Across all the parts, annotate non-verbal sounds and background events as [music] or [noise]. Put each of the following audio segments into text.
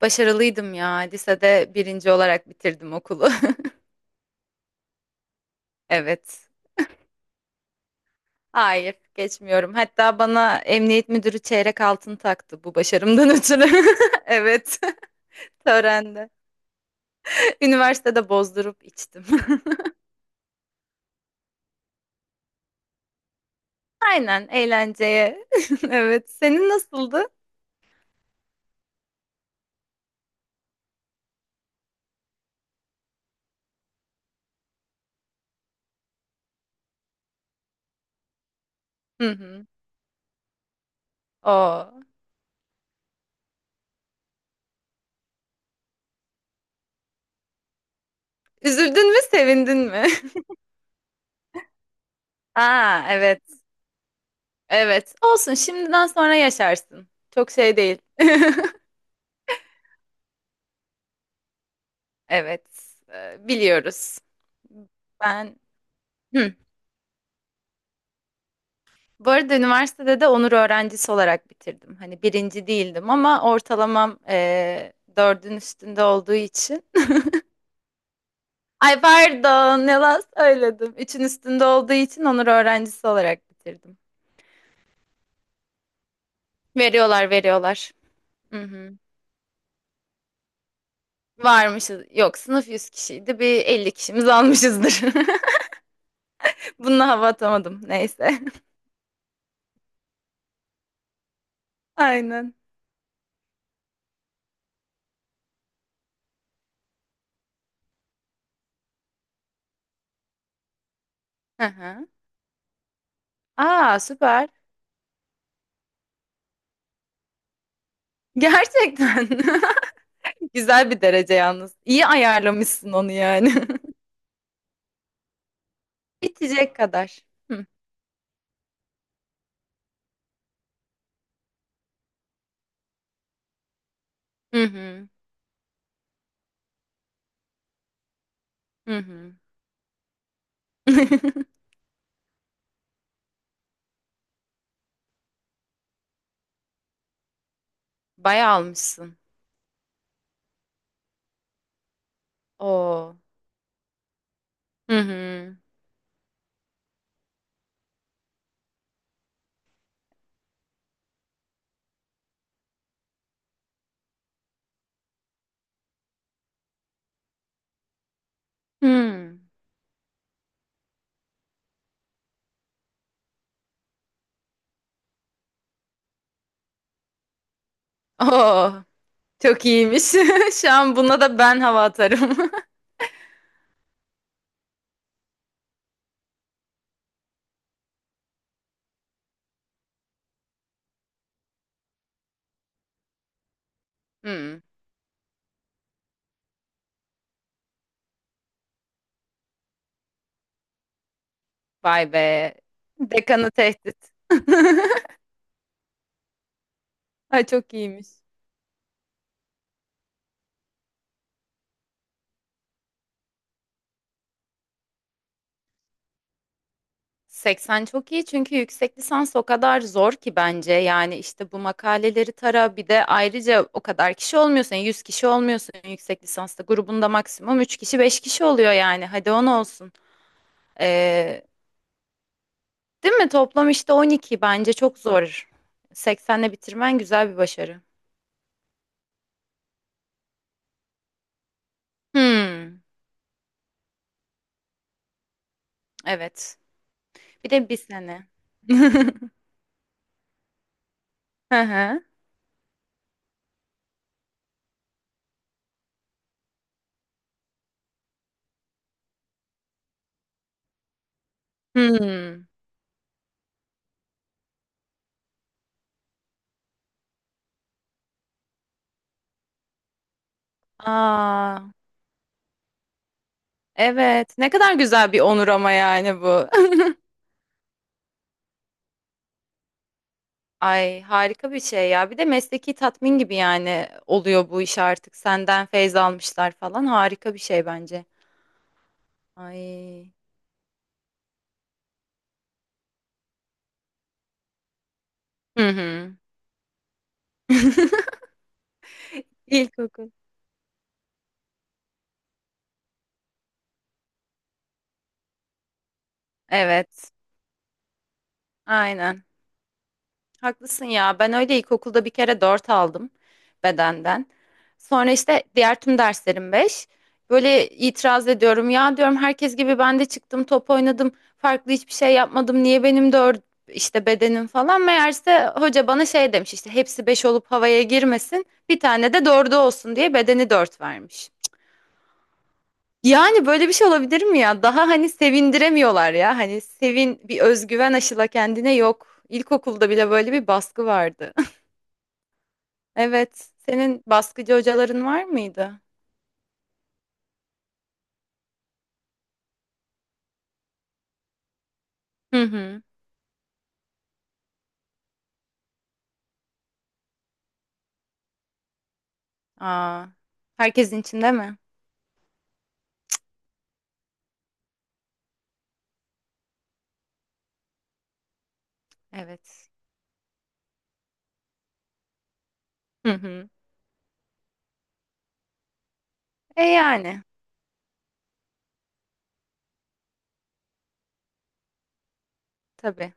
Başarılıydım ya. Lisede birinci olarak bitirdim okulu. [laughs] Evet. Hayır, geçmiyorum. Hatta bana emniyet müdürü çeyrek altın taktı bu başarımdan ötürü. [laughs] Evet. [laughs] Törende. Üniversitede bozdurup içtim. [laughs] Aynen, eğlenceye. [laughs] Evet. Senin nasıldı? Hı hı. Oo. Üzüldün mü, sevindin mi? [laughs] Aa, evet. Evet. Olsun, şimdiden sonra yaşarsın. Çok şey değil. [laughs] Evet. Biliyoruz. Ben. Hı. Bu arada üniversitede de onur öğrencisi olarak bitirdim. Hani birinci değildim ama ortalamam dördün üstünde olduğu için. [laughs] Ay pardon yalan söyledim. Üçün üstünde olduğu için onur öğrencisi olarak bitirdim. Veriyorlar, veriyorlar. Hı hı. Varmışız. Yok, sınıf 100 kişiydi. Bir 50 kişimiz almışızdır. [laughs] Bununla hava atamadım. Neyse. [laughs] Aynen. Hı hı. Aa, süper. Gerçekten. [laughs] Güzel bir derece yalnız. İyi ayarlamışsın onu yani. [laughs] Bitecek kadar. Hı hı hı. Hı hı. [laughs] Bayağı almışsın. Oo. Hı hı. Hı. Oo. Çok iyiymiş. [laughs] Şu an buna da ben hava atarım. [laughs] Hı. Vay be. Dekanı tehdit. [laughs] Ay çok iyiymiş. 80 çok iyi çünkü yüksek lisans o kadar zor ki bence. Yani işte bu makaleleri tara, bir de ayrıca o kadar kişi olmuyorsun. 100 kişi olmuyorsun yüksek lisansta. Grubunda maksimum 3 kişi, 5 kişi oluyor yani. Hadi 10 olsun. Ee, değil mi? Toplam işte 12, bence çok zor. 80'le bitirmen güzel bir başarı. Hmm, evet. Bir de bir sene. [laughs] Hı hı. Hmm. Aa, evet. Ne kadar güzel bir onur ama yani bu. [laughs] Ay, harika bir şey ya. Bir de mesleki tatmin gibi yani oluyor bu iş artık. Senden feyz almışlar falan. Harika bir şey bence. Ay. Hı hı. [laughs] İlkokul. Evet. Aynen. Haklısın ya. Ben öyle ilkokulda bir kere 4 aldım bedenden. Sonra işte diğer tüm derslerim 5. Böyle itiraz ediyorum. Ya, diyorum, herkes gibi ben de çıktım, top oynadım. Farklı hiçbir şey yapmadım. Niye benim 4 işte bedenim falan? Meğerse hoca bana şey demiş, işte hepsi 5 olup havaya girmesin. Bir tane de dördü olsun diye bedeni 4 vermiş. Yani böyle bir şey olabilir mi ya? Daha hani sevindiremiyorlar ya. Hani sevin, bir özgüven aşıla kendine, yok. İlkokulda bile böyle bir baskı vardı. Evet. Senin baskıcı hocaların var mıydı? Hı hı. Aa, herkesin içinde mi? Evet. Hı hı. E yani tabii.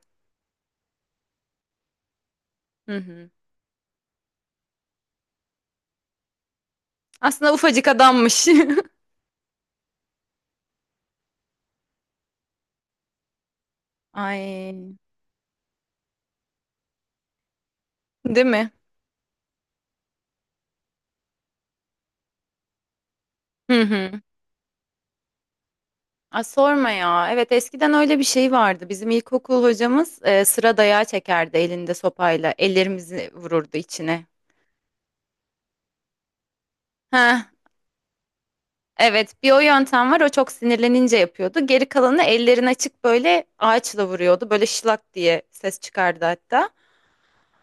Hı hı. Aslında ufacık adammış. [laughs] Ay, değil mi? Hı hı. Aa, sorma ya. Evet, eskiden öyle bir şey vardı. Bizim ilkokul hocamız sıra dayağı çekerdi elinde sopayla. Ellerimizi vururdu içine. Heh. Evet, bir o yöntem var. O çok sinirlenince yapıyordu. Geri kalanı ellerini açık böyle ağaçla vuruyordu. Böyle şılak diye ses çıkardı hatta.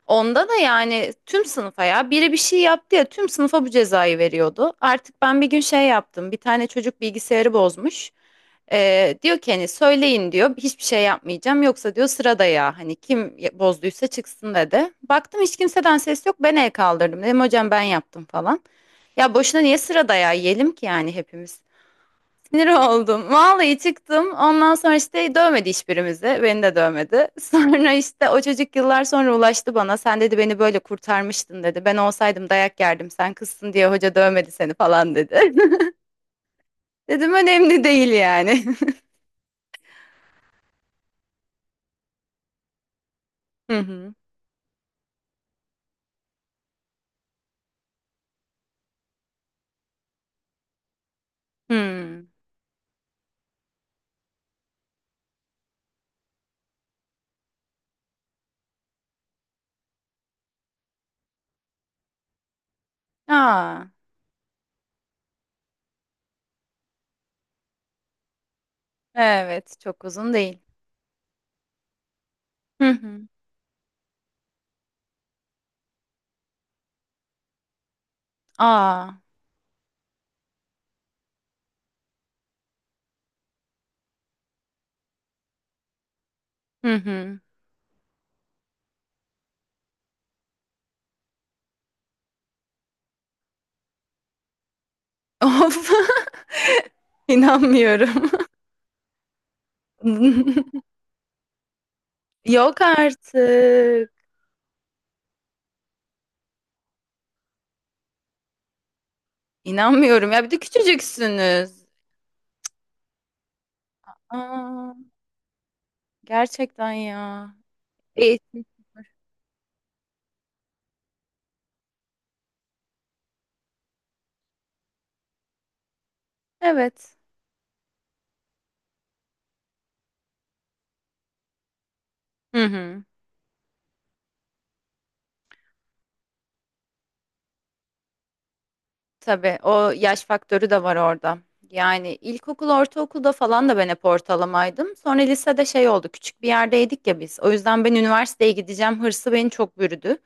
Onda da yani tüm sınıfa, ya biri bir şey yaptı ya, tüm sınıfa bu cezayı veriyordu. Artık ben bir gün şey yaptım. Bir tane çocuk bilgisayarı bozmuş. Diyor ki hani söyleyin diyor, hiçbir şey yapmayacağım, yoksa diyor sırada ya, hani kim bozduysa çıksın dedi. Baktım hiç kimseden ses yok, ben el kaldırdım, dedim hocam ben yaptım falan. Ya boşuna niye sırada ya yiyelim ki yani hepimiz. Sinir oldum. Vallahi çıktım. Ondan sonra işte dövmedi hiçbirimizi. Beni de dövmedi. [laughs] Sonra işte o çocuk yıllar sonra ulaştı bana. Sen, dedi, beni böyle kurtarmıştın dedi. Ben olsaydım dayak yerdim. Sen kızsın diye hoca dövmedi seni falan dedi. [laughs] Dedim önemli değil yani. [laughs] Hı hı. Hmm. Aa, evet, çok uzun değil. Hı hı. Aa. Hı hı. Of. [laughs] İnanmıyorum. [laughs] Yok artık. İnanmıyorum ya, bir de küçücüksünüz. Aa, gerçekten ya. Eğitim. Evet. Hı hı. Tabii o yaş faktörü de var orada. Yani ilkokul, ortaokulda falan da ben hep ortalamaydım. Sonra lisede şey oldu, küçük bir yerdeydik ya biz. O yüzden ben üniversiteye gideceğim hırsı beni çok bürüdü.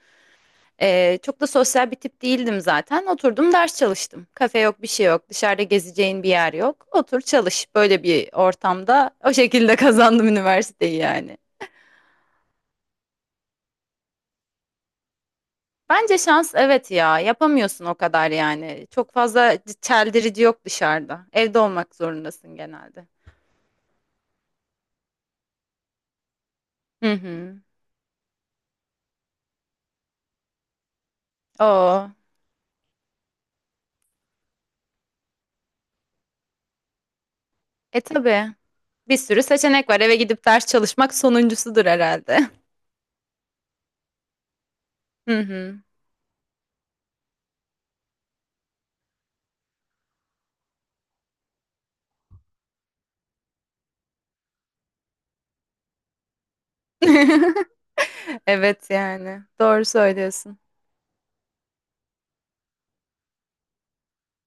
Çok da sosyal bir tip değildim zaten. Oturdum ders çalıştım. Kafe yok, bir şey yok. Dışarıda gezeceğin bir yer yok. Otur çalış. Böyle bir ortamda o şekilde [laughs] kazandım üniversiteyi yani. Bence şans, evet ya, yapamıyorsun o kadar yani. Çok fazla çeldirici yok dışarıda. Evde olmak zorundasın genelde. Hı hı. Oo. E tabii. Bir sürü seçenek var. Eve gidip ders çalışmak sonuncusudur herhalde. [laughs] Hı hı. [laughs] Evet yani. Doğru söylüyorsun.